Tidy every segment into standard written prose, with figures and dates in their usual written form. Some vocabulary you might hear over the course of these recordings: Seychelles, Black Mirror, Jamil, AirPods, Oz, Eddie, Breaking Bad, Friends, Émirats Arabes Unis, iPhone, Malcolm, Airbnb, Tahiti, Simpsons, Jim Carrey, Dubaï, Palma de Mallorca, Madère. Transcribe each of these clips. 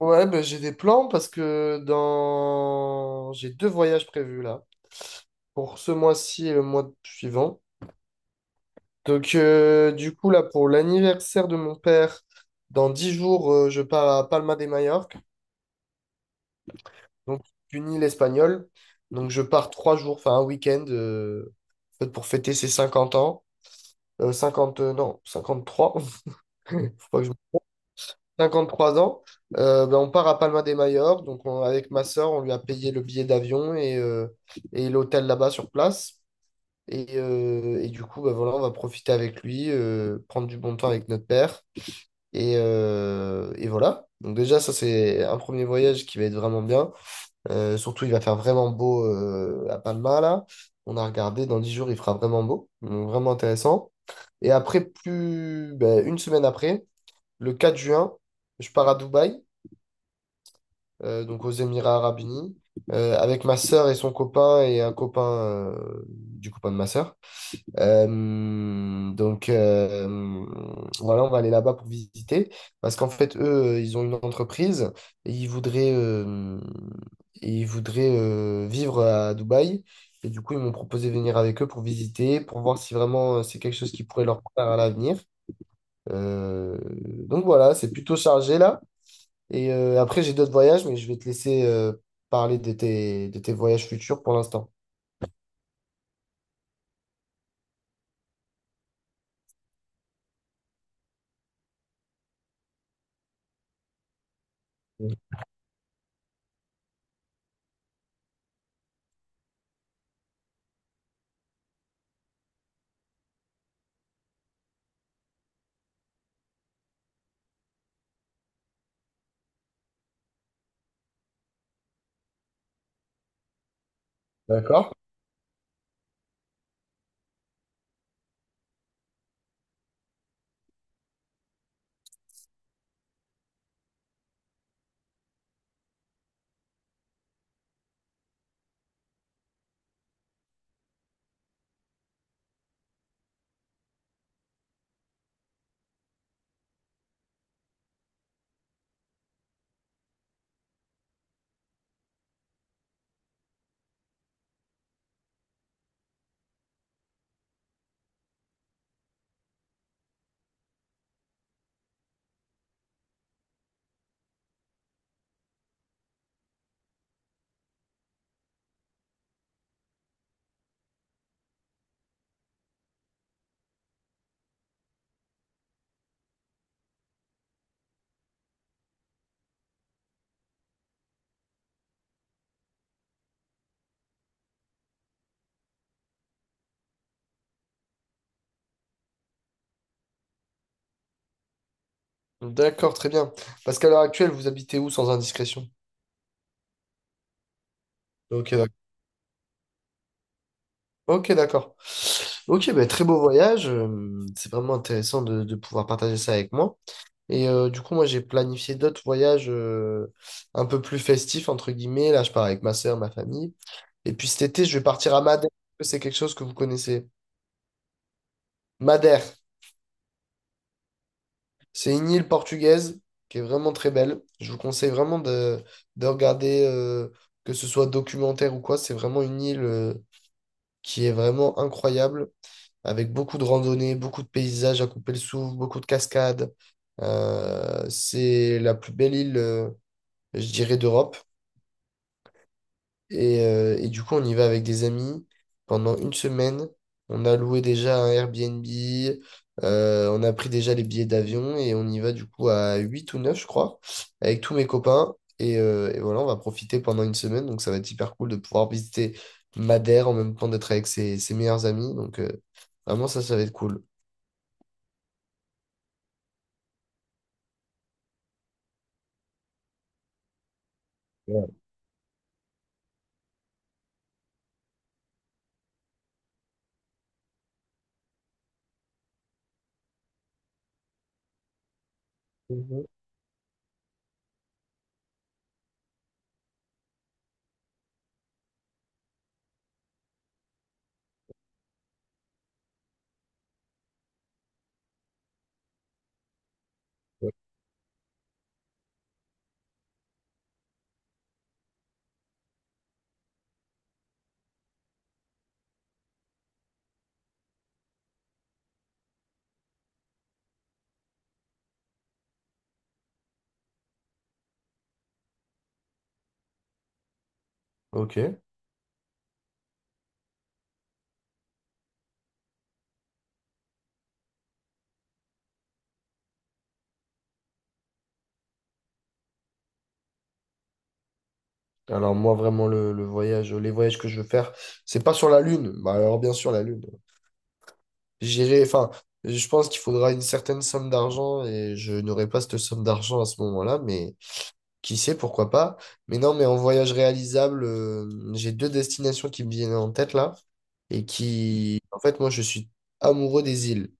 Ouais, ben, j'ai des plans parce que j'ai deux voyages prévus là, pour ce mois-ci et le mois suivant. Donc du coup là, pour l'anniversaire de mon père, dans dix jours, je pars à Palma de Majorque, donc une île espagnole. Donc je pars trois jours, enfin un week-end, en fait, pour fêter ses 50 ans. 50, non, 53. Faut pas que je 53 ans, ben, on part à Palma de Mallorca. Donc, avec ma sœur, on lui a payé le billet d'avion et l'hôtel là-bas sur place. Et du coup, ben, voilà, on va profiter avec lui, prendre du bon temps avec notre père. Et voilà. Donc, déjà, ça, c'est un premier voyage qui va être vraiment bien. Surtout, il va faire vraiment beau à Palma, là. On a regardé, dans 10 jours, il fera vraiment beau. Donc, vraiment intéressant. Et après, plus ben, une semaine après, le 4 juin, je pars à Dubaï donc aux Émirats Arabes Unis, avec ma sœur et son copain et un copain du copain de ma sœur. Euh, donc euh, voilà, on va aller là-bas pour visiter parce qu'en fait, eux, ils ont une entreprise et ils voudraient vivre à Dubaï. Et du coup, ils m'ont proposé de venir avec eux pour visiter, pour voir si vraiment c'est quelque chose qui pourrait leur plaire à l'avenir. Euh, donc voilà, c'est plutôt chargé là. Et après, j'ai d'autres voyages, mais je vais te laisser parler de de tes voyages futurs pour l'instant. D'accord? D'accord, très bien. Parce qu'à l'heure actuelle, vous habitez où sans indiscrétion? Ok, d'accord. Ok, d'accord. Ok, bah, très beau voyage. C'est vraiment intéressant de pouvoir partager ça avec moi. Et du coup, moi, j'ai planifié d'autres voyages un peu plus festifs, entre guillemets. Là, je pars avec ma soeur, ma famille. Et puis cet été, je vais partir à Madère. Est-ce que c'est quelque chose que vous connaissez. Madère. C'est une île portugaise qui est vraiment très belle. Je vous conseille vraiment de regarder, que ce soit documentaire ou quoi. C'est vraiment une île, qui est vraiment incroyable, avec beaucoup de randonnées, beaucoup de paysages à couper le souffle, beaucoup de cascades. C'est la plus belle île, je dirais, d'Europe. Et du coup, on y va avec des amis. Pendant une semaine, on a loué déjà un Airbnb, on a pris déjà les billets d'avion et on y va du coup à 8 ou 9 je crois, avec tous mes copains. Et voilà, on va profiter pendant une semaine. Donc, ça va être hyper cool de pouvoir visiter Madère en même temps d'être avec ses meilleurs amis. Donc, vraiment, ça va être cool. Ouais. Mhm. Ok. Alors moi vraiment le voyage, les voyages que je veux faire, c'est pas sur la Lune. Bah alors bien sûr la Lune. J'irai, enfin, je pense qu'il faudra une certaine somme d'argent et je n'aurai pas cette somme d'argent à ce moment-là, mais qui sait, pourquoi pas. Mais non, mais en voyage réalisable, j'ai deux destinations qui me viennent en tête là et qui, en fait, moi, je suis amoureux des îles.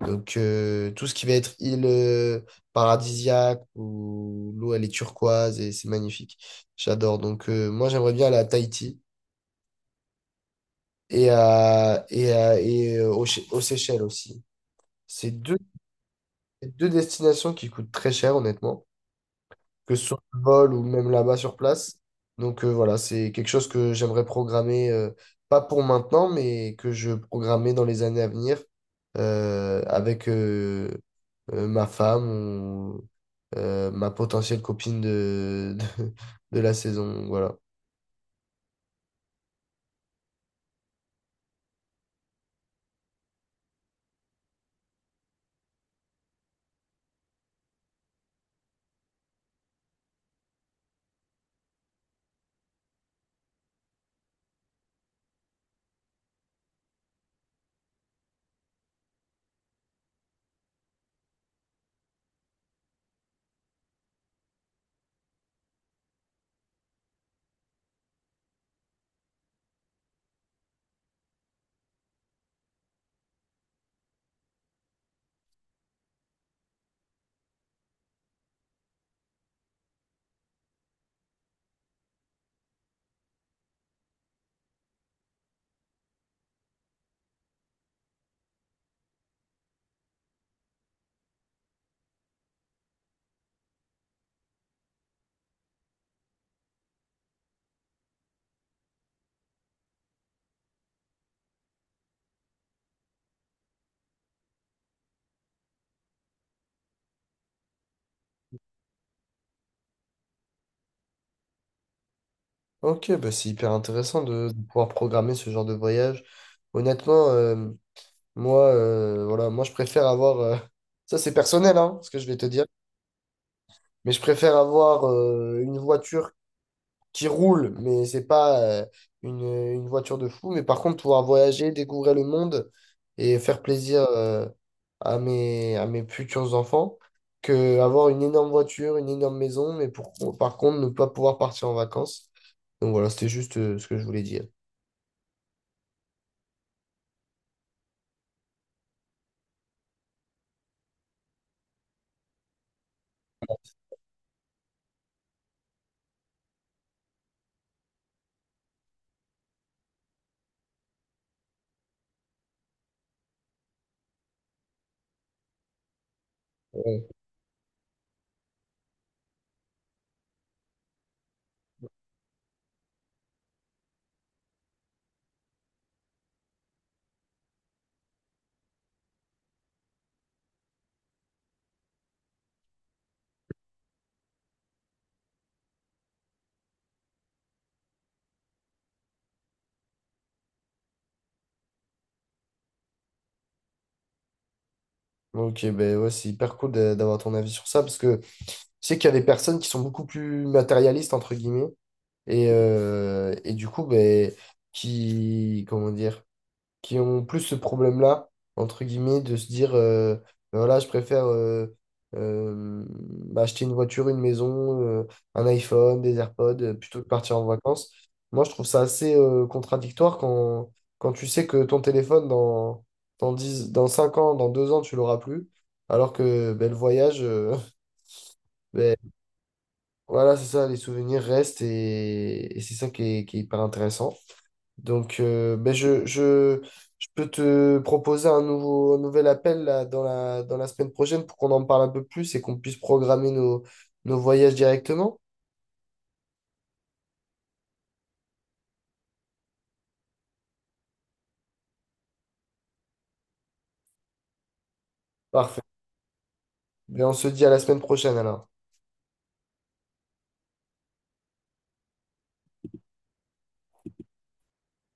Donc, tout ce qui va être île paradisiaque où l'eau, elle est turquoise et c'est magnifique. J'adore. Donc, moi, j'aimerais bien aller à Tahiti et aux Seychelles aussi. C'est deux C'est deux destinations qui coûtent très cher, honnêtement, que ce soit le vol ou même là-bas sur place. Donc voilà, c'est quelque chose que j'aimerais programmer, pas pour maintenant, mais que je programmerai dans les années à venir avec ma femme ou ma potentielle copine de la saison. Voilà. Ok, bah c'est hyper intéressant de pouvoir programmer ce genre de voyage. Honnêtement, moi, voilà, moi, je préfère avoir. Ça, c'est personnel, hein, ce que je vais te dire. Mais je préfère avoir une voiture qui roule, mais c'est pas une voiture de fou. Mais par contre, pouvoir voyager, découvrir le monde et faire plaisir à mes futurs enfants, que avoir une énorme voiture, une énorme maison, mais pour, par contre, ne pas pouvoir partir en vacances. Donc voilà, c'était juste ce que je voulais dire. Ok, ben ouais, c'est hyper cool d'avoir ton avis sur ça parce que je sais qu'il y a des personnes qui sont beaucoup plus matérialistes, entre guillemets, et du coup, ben, qui, comment dire, qui ont plus ce problème-là, entre guillemets, de se dire, ben voilà, je préfère bah, acheter une voiture, une maison, un iPhone, des AirPods, plutôt que partir en vacances. Moi, je trouve ça assez contradictoire quand tu sais que ton téléphone, dans 5 ans, dans 2 ans, tu l'auras plus, alors que ben, le voyage, Voilà, c'est ça, les souvenirs restent et c'est ça qui qui est hyper intéressant. Donc, je peux te proposer un nouvel appel là, dans la semaine prochaine pour qu'on en parle un peu plus et qu'on puisse programmer nos voyages directement. Parfait. Ben on se dit à la semaine prochaine alors.